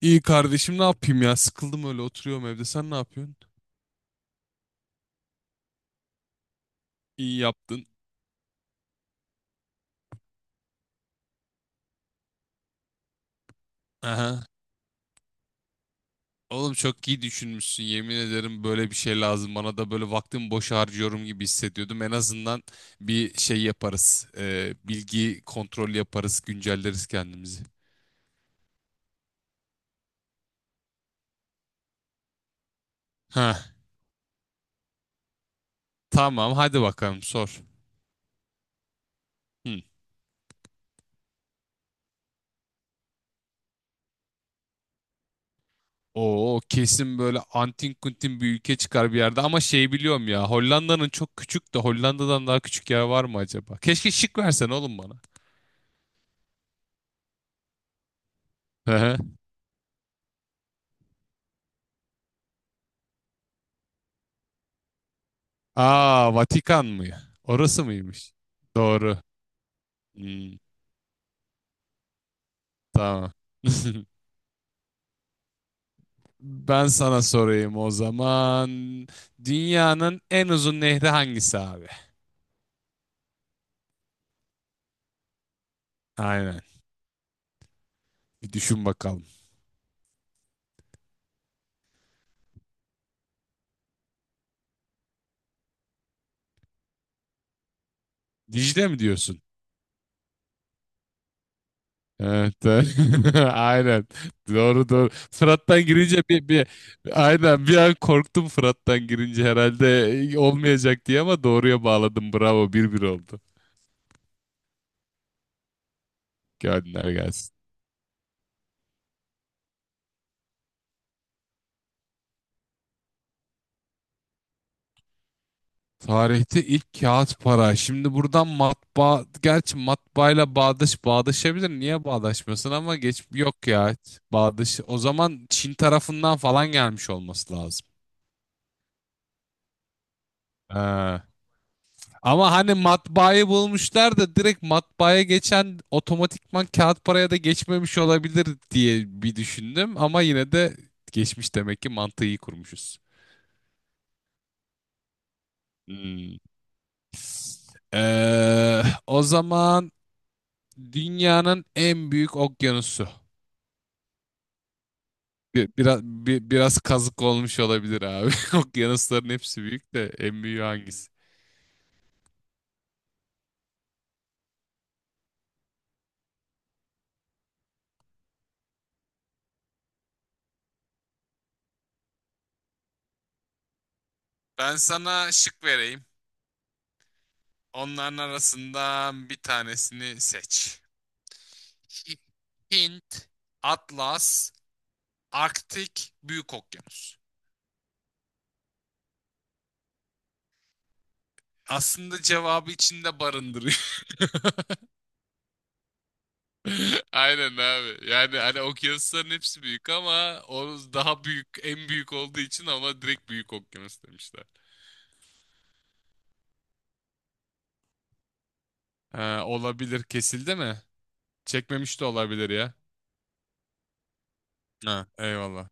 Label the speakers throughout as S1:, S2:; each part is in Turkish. S1: İyi kardeşim ne yapayım ya? Sıkıldım öyle oturuyorum evde. Sen ne yapıyorsun? İyi yaptın. Aha. Oğlum çok iyi düşünmüşsün. Yemin ederim böyle bir şey lazım. Bana da böyle vaktimi boş harcıyorum gibi hissediyordum. En azından bir şey yaparız. Bilgi kontrol yaparız. Güncelleriz kendimizi. Ha. Tamam, hadi bakalım sor. Hı. Oo, kesin böyle antin kuntin bir ülke çıkar bir yerde ama şey, biliyorum ya Hollanda'nın çok küçük de Hollanda'dan daha küçük yer var mı acaba? Keşke şık versen oğlum bana. Aa, Vatikan mı? Orası mıymış? Doğru. Hmm, tamam. Ben sana sorayım o zaman. Dünyanın en uzun nehri hangisi abi? Aynen. Bir düşün bakalım. Dicle mi diyorsun? Evet. Evet. Aynen. Doğru doğru. Fırat'tan girince bir aynen bir an korktum, Fırat'tan girince herhalde olmayacak diye, ama doğruya bağladım. Bravo. 1-1 oldu. Gönder gelsin. Tarihte ilk kağıt para. Şimdi buradan matbaa, gerçi matbaayla bağdaş bağdaşabilir. Niye bağdaşmasın, ama geç yok ya. Bağdaş. O zaman Çin tarafından falan gelmiş olması lazım. Ee, Ama hani matbaayı bulmuşlar da direkt matbaaya geçen otomatikman kağıt paraya da geçmemiş olabilir diye bir düşündüm, ama yine de geçmiş demek ki, mantığı iyi kurmuşuz. Hmm. O zaman dünyanın en büyük okyanusu. Biraz kazık olmuş olabilir abi. Okyanusların hepsi büyük de en büyüğü hangisi? Ben sana şık vereyim. Onların arasından bir tanesini seç. Hi- Hint, Atlas, Arktik, Büyük Okyanus. Aslında cevabı içinde barındırıyor. Aynen abi. Yani hani okyanusların hepsi büyük ama o daha büyük, en büyük olduğu için ama direkt Büyük Okyanus demişler. Ha, olabilir, kesildi mi? Çekmemiş de olabilir ya. Ha, eyvallah.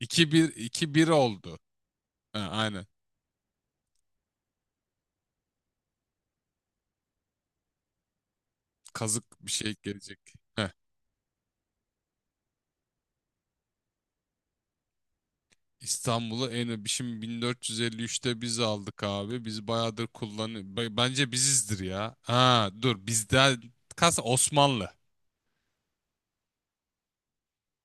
S1: 2 bir, 2-1 oldu. Ha, aynen. Kazık bir şey gelecek. Heh. İstanbul'u şimdi 1453'te biz aldık abi. Biz bayağıdır kullan bence bizizdir ya. Ha, dur bizden kas Osmanlı.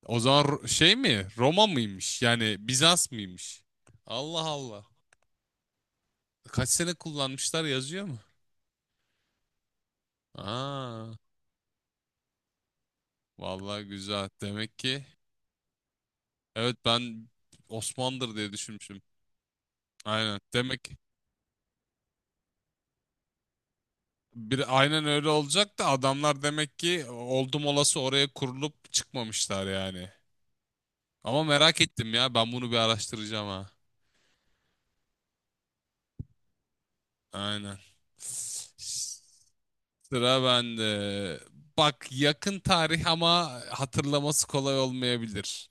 S1: O zaman Şey mi? Roma mıymış? Yani Bizans mıymış? Allah Allah. Kaç sene kullanmışlar, yazıyor mu? Aa, vallahi güzel. Demek ki. Evet, ben Osman'dır diye düşünmüşüm. Aynen. Demek bir aynen öyle olacak da adamlar demek ki oldum olası oraya kurulup çıkmamışlar yani. Ama merak ettim ya, ben bunu bir araştıracağım ha. Aynen. Sıra bende. Bak, yakın tarih ama hatırlaması kolay olmayabilir.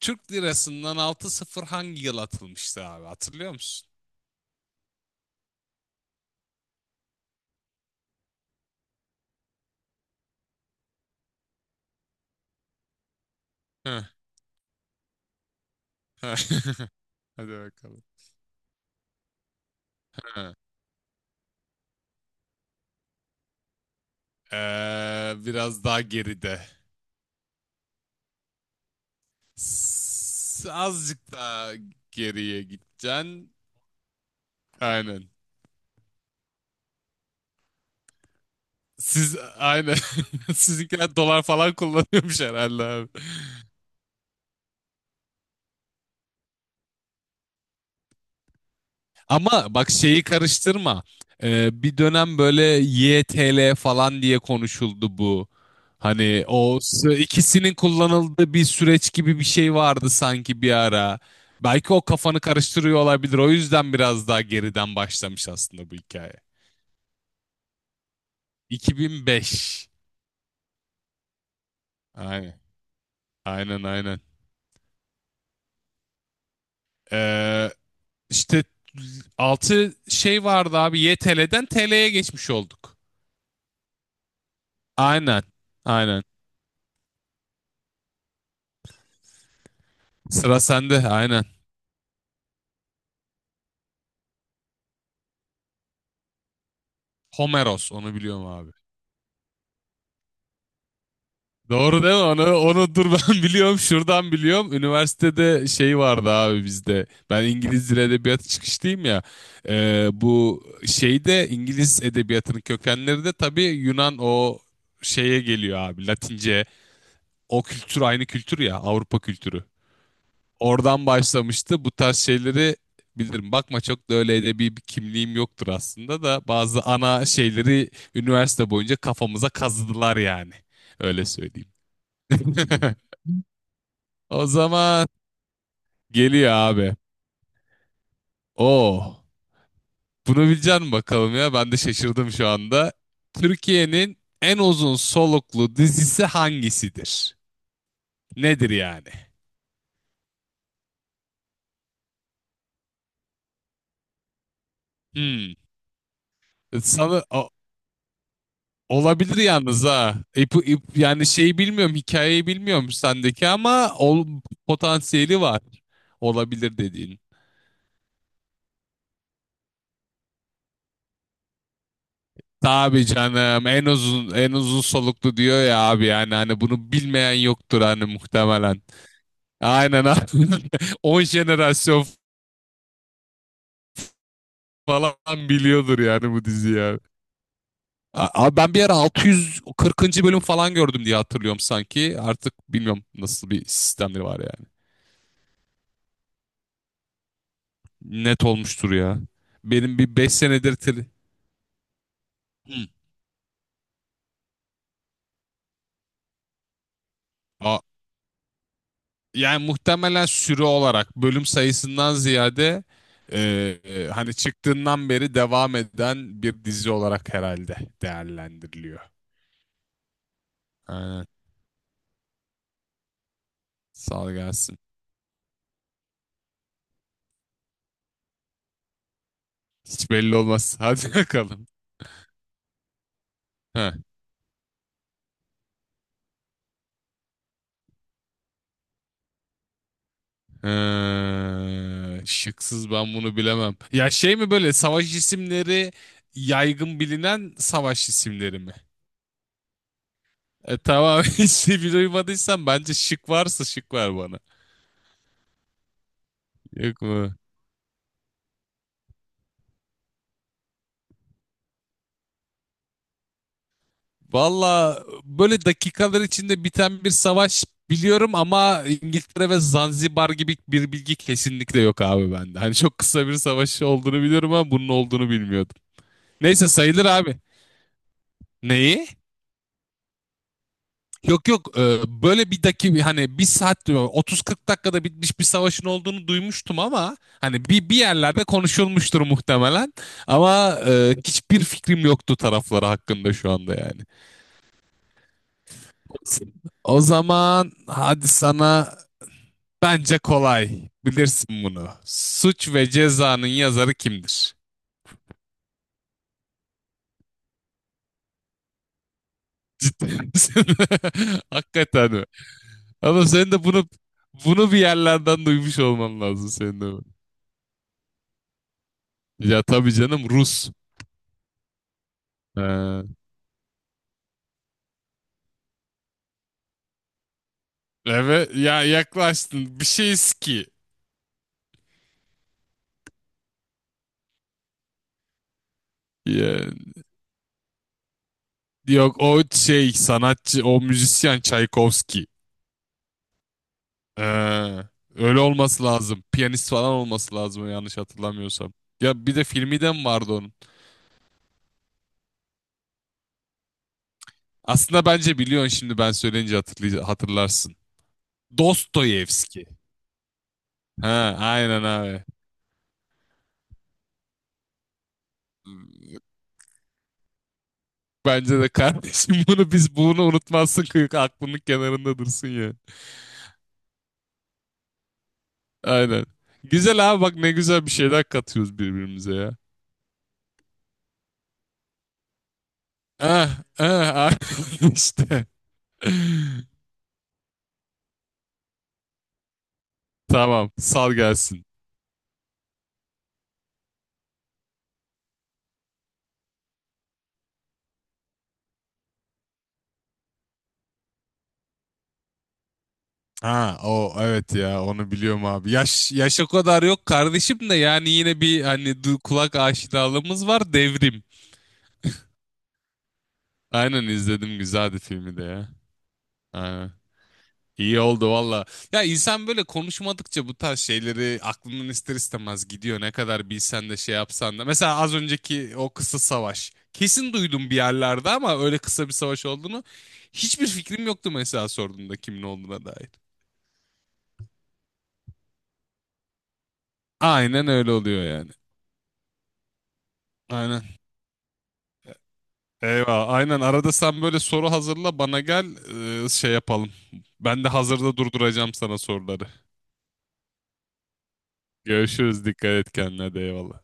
S1: Türk lirasından altı sıfır hangi yıl atılmıştı abi, hatırlıyor musun? Heh. Hadi bakalım. Heh. Biraz daha geride. Azıcık daha geriye gideceksin. Aynen. Siz aynen. Sizinkiler dolar falan kullanıyormuş herhalde abi. Ama bak şeyi karıştırma. Bir dönem böyle YTL falan diye konuşuldu bu. Hani o ikisinin kullanıldığı bir süreç gibi bir şey vardı sanki bir ara. Belki o kafanı karıştırıyor olabilir. O yüzden biraz daha geriden başlamış aslında bu hikaye. 2005. Aynen. Aynen aynen. Ee, işte altı şey vardı abi. YTL'den TL'ye geçmiş olduk. Aynen. Aynen. Sıra sende. Aynen. Homeros, onu biliyorum abi. Doğru değil mi? Onu dur ben biliyorum. Şuradan biliyorum. Üniversitede şey vardı abi bizde. Ben İngiliz Dili Edebiyatı çıkışlıyım ya. Bu şeyde İngiliz edebiyatının kökenleri de tabii Yunan o şeye geliyor abi. Latince. O kültür aynı kültür ya, Avrupa kültürü. Oradan başlamıştı, bu tarz şeyleri bilirim. Bakma, çok da öyle edebi bir kimliğim yoktur aslında da bazı ana şeyleri üniversite boyunca kafamıza kazıdılar yani. Öyle söyleyeyim. O zaman geliyor abi. Oo, bunu bilecek misin bakalım ya? Ben de şaşırdım şu anda. Türkiye'nin en uzun soluklu dizisi hangisidir? Nedir yani? Hmm. Sana... Olabilir yalnız ha. Yani şeyi bilmiyorum, hikayeyi bilmiyorum sendeki ama potansiyeli var. Olabilir dediğin. Tabii canım, en uzun soluklu diyor ya abi, yani hani bunu bilmeyen yoktur hani muhtemelen. Aynen abi. 10 jenerasyon falan biliyordur yani bu diziyi abi. Abi ben bir ara 640. bölüm falan gördüm diye hatırlıyorum sanki. Artık bilmiyorum nasıl bir sistemleri var yani. Net olmuştur ya. Benim bir beş senedir. Hı. Aa, yani muhtemelen süre olarak bölüm sayısından ziyade e, hani çıktığından beri devam eden bir dizi olarak herhalde değerlendiriliyor. Aynen. Sağ ol, gelsin. Hiç belli olmaz. Hadi bakalım. Ha. Şıksız ben bunu bilemem. Ya şey mi, böyle savaş isimleri, yaygın bilinen savaş isimleri mi? Tamam, işte bir duymadıysan bence şık varsa şık ver bana. Yok mu? Valla böyle dakikalar içinde biten bir savaş biliyorum ama İngiltere ve Zanzibar gibi bir bilgi kesinlikle yok abi bende. Hani çok kısa bir savaş olduğunu biliyorum ama bunun olduğunu bilmiyordum. Neyse, sayılır abi. Neyi? Yok yok, böyle bir dakika, hani bir saat diyor, 30-40 dakikada bitmiş bir savaşın olduğunu duymuştum ama hani bir yerlerde konuşulmuştur muhtemelen ama hiçbir fikrim yoktu tarafları hakkında şu anda yani. O zaman hadi, sana bence kolay, bilirsin bunu. Suç ve Ceza'nın yazarı kimdir? Ciddi misin? Hakikaten mi? Ama sen de bunu bir yerlerden duymuş olman lazım senin de. Ya tabii canım, Rus. Ha, evet ya, yaklaştın bir şey ki. Ya, yok, o şey sanatçı, o müzisyen Çaykovski. Ha, öyle olması lazım. Piyanist falan olması lazım, yanlış hatırlamıyorsam. Ya bir de filmi de mi vardı onun? Aslında bence biliyorsun, şimdi ben söyleyince hatırlarsın. Dostoyevski. Ha, aynen abi. Bence de kardeşim, bunu unutmazsın, kıyık aklının kenarında dursun ya. Aynen. Güzel abi, bak ne güzel bir şeyler katıyoruz birbirimize ya. Ah, ah, ah. işte. Tamam, sal gelsin. Ha, o evet ya, onu biliyorum abi. Yaş yaş o kadar yok kardeşim de, yani yine bir hani kulak aşinalığımız var, devrim. Aynen, izledim, güzeldi filmi de ya. Aynen. İyi oldu valla. Ya insan böyle konuşmadıkça bu tarz şeyleri aklından ister istemez gidiyor. Ne kadar bilsen de, şey yapsan da. Mesela az önceki o kısa savaş. Kesin duydum bir yerlerde ama öyle kısa bir savaş olduğunu, hiçbir fikrim yoktu mesela sorduğunda kimin olduğuna dair. Aynen öyle oluyor yani. Aynen. Eyvah. Aynen, arada sen böyle soru hazırla bana gel, şey yapalım. Ben de hazırda durduracağım sana soruları. Görüşürüz. Dikkat et kendine. De eyvallah.